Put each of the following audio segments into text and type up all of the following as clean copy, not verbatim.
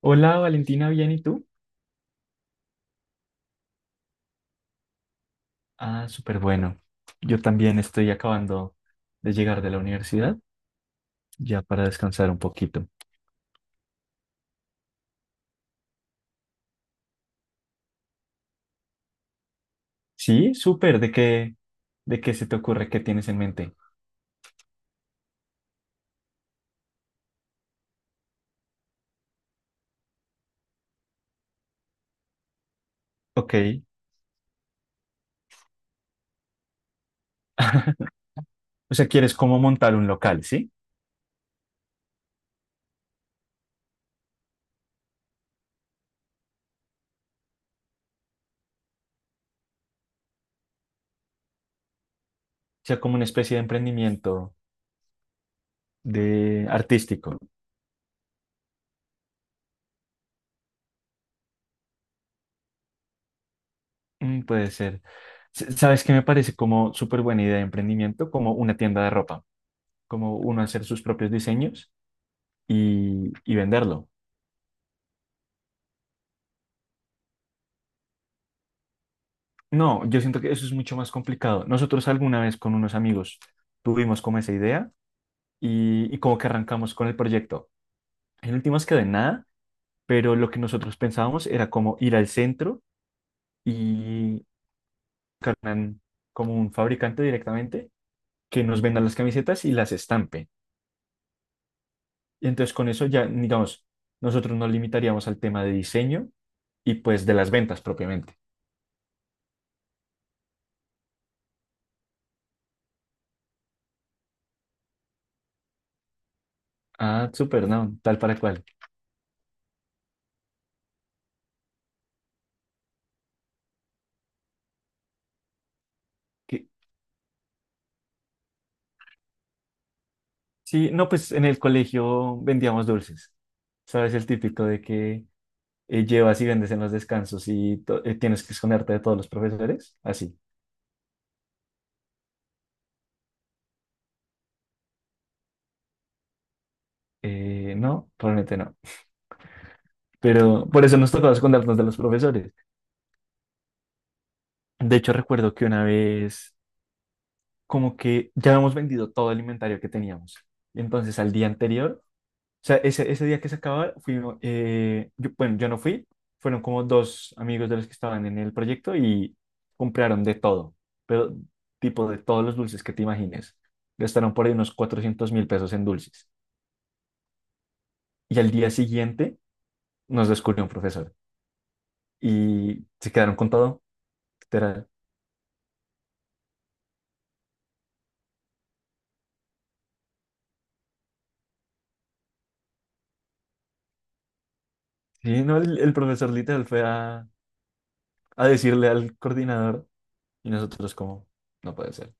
Hola Valentina, ¿bien y tú? Ah, súper bueno. Yo también estoy acabando de llegar de la universidad, ya para descansar un poquito. Sí, súper. ¿De qué se te ocurre? ¿Qué tienes en mente? Ok. O sea, quieres cómo montar un local, ¿sí? O sea, como una especie de emprendimiento de artístico. Mm, puede ser. ¿Sabes qué me parece como súper buena idea de emprendimiento? Como una tienda de ropa, como uno hacer sus propios diseños y venderlo. No, yo siento que eso es mucho más complicado. Nosotros alguna vez con unos amigos tuvimos como esa idea y como que arrancamos con el proyecto. En últimas quedó en nada, pero lo que nosotros pensábamos era como ir al centro y cargan como un fabricante directamente que nos venda las camisetas y las estampe. Y entonces con eso ya, digamos, nosotros nos limitaríamos al tema de diseño y pues de las ventas propiamente. Ah, súper, no, tal para cual. Sí, no, pues en el colegio vendíamos dulces. Sabes, el típico de que llevas y vendes en los descansos y tienes que esconderte de todos los profesores. Así. No, probablemente no. Pero por eso nos tocaba escondernos de los profesores. De hecho, recuerdo que una vez, como que ya habíamos vendido todo el inventario que teníamos. Entonces, al día anterior, o sea, ese día que se acababa, fuimos, bueno, yo no fui, fueron como dos amigos de los que estaban en el proyecto y compraron de todo, pero tipo de todos los dulces que te imagines. Gastaron por ahí unos 400.000 pesos en dulces. Y al día siguiente nos descubrió un profesor y se quedaron con todo, literal. Sí, no, el profesor literal fue a decirle al coordinador y nosotros como, no puede ser.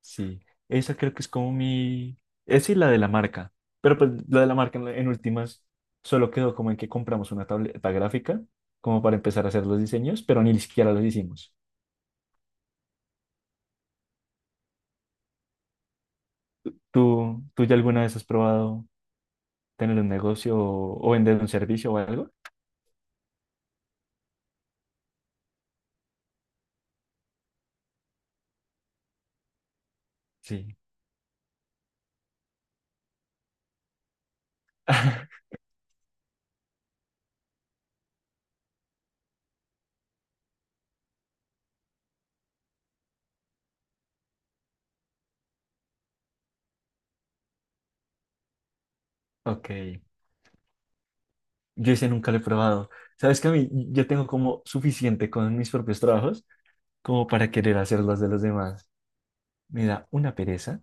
Sí, esa creo que es como mi... Esa y la de la marca. Pero pues la de la marca en últimas solo quedó como en que compramos una tableta gráfica como para empezar a hacer los diseños, pero ni siquiera los hicimos. ¿Tú ya alguna vez has probado tener un negocio o vender un servicio o algo? Sí, ok. Yo ese nunca lo he probado. Sabes que a mí yo tengo como suficiente con mis propios trabajos como para querer hacer los de los demás. Me da una pereza.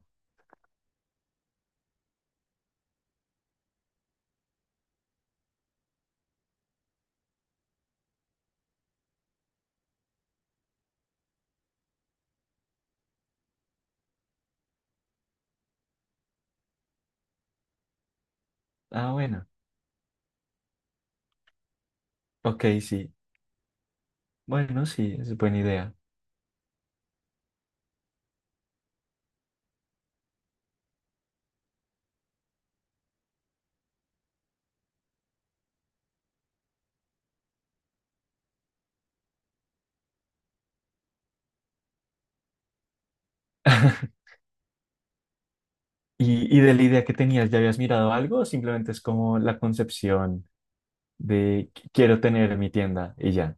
Ah, bueno. Ok, sí. Bueno, sí, es buena idea. ¿Y de la idea que tenías, ya habías mirado algo o simplemente es como la concepción de quiero tener mi tienda y ya"?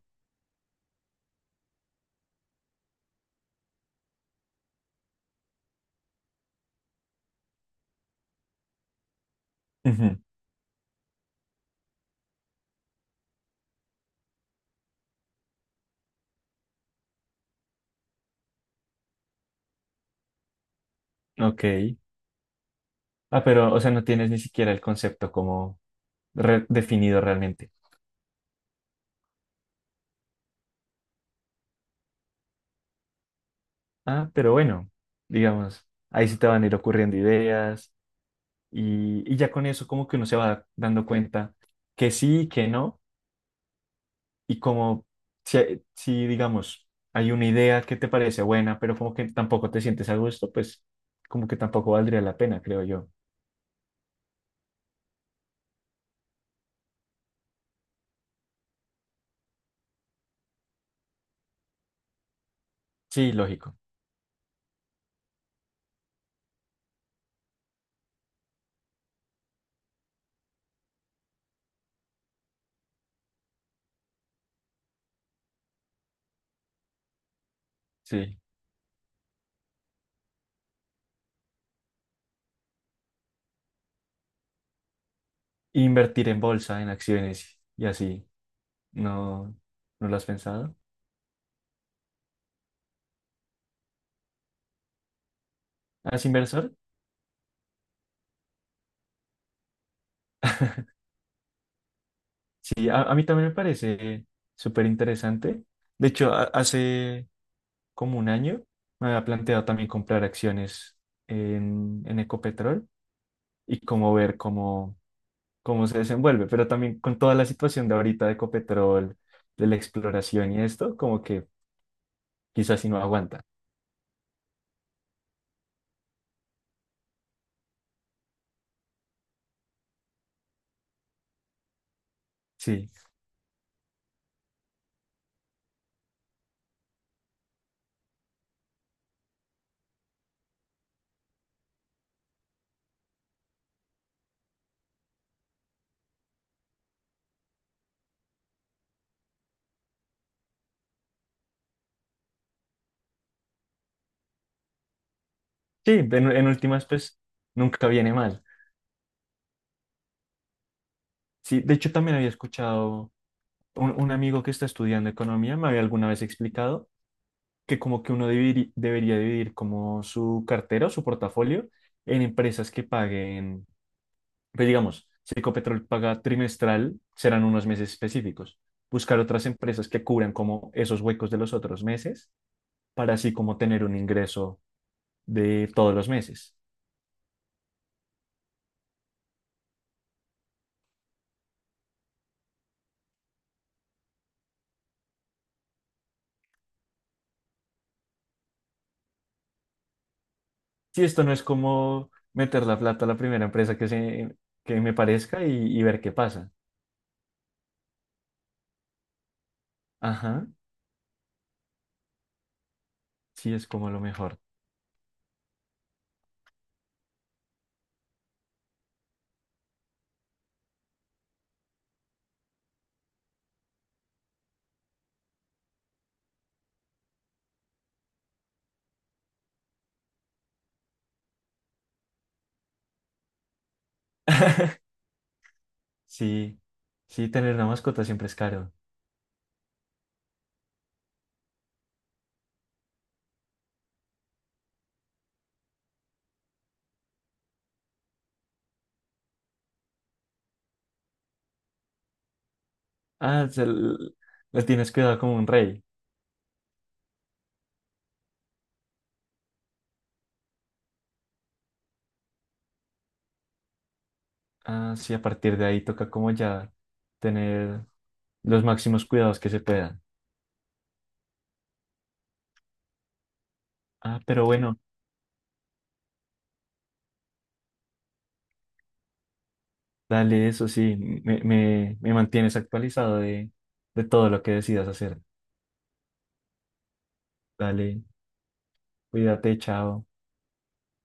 Ujú. Ok. Ah, pero, o sea, no tienes ni siquiera el concepto como definido realmente. Ah, pero bueno, digamos, ahí sí te van a ir ocurriendo ideas y ya con eso como que uno se va dando cuenta que sí, que no. Y como si, digamos, hay una idea que te parece buena, pero como que tampoco te sientes a gusto, pues como que tampoco valdría la pena, creo yo. Sí, lógico, sí. Invertir en bolsa, en acciones y así, ¿no, no lo has pensado? ¿Has inversor? Sí, a mí también me parece súper interesante. De hecho, hace como un año me había planteado también comprar acciones en Ecopetrol y como ver cómo se desenvuelve, pero también con toda la situación de ahorita de Ecopetrol, de la exploración y esto, como que quizás si no aguanta. Sí, sí, en últimas, pues nunca viene mal. Sí, de hecho también había escuchado un amigo que está estudiando economía, me había alguna vez explicado que como que uno debería dividir como su cartera o su portafolio en empresas que paguen. Pues digamos, si Ecopetrol paga trimestral, serán unos meses específicos. Buscar otras empresas que cubran como esos huecos de los otros meses para así como tener un ingreso de todos los meses. Si esto no es como meter la plata a la primera empresa que me parezca y ver qué pasa. Ajá, sí es como lo mejor. Sí, sí, tener una mascota siempre es caro. Ah, la tienes cuidada como un rey. Ah, sí, a partir de ahí toca como ya tener los máximos cuidados que se puedan. Ah, pero bueno, dale eso, sí, me mantienes actualizado de, todo lo que decidas hacer. Dale, cuídate, chao.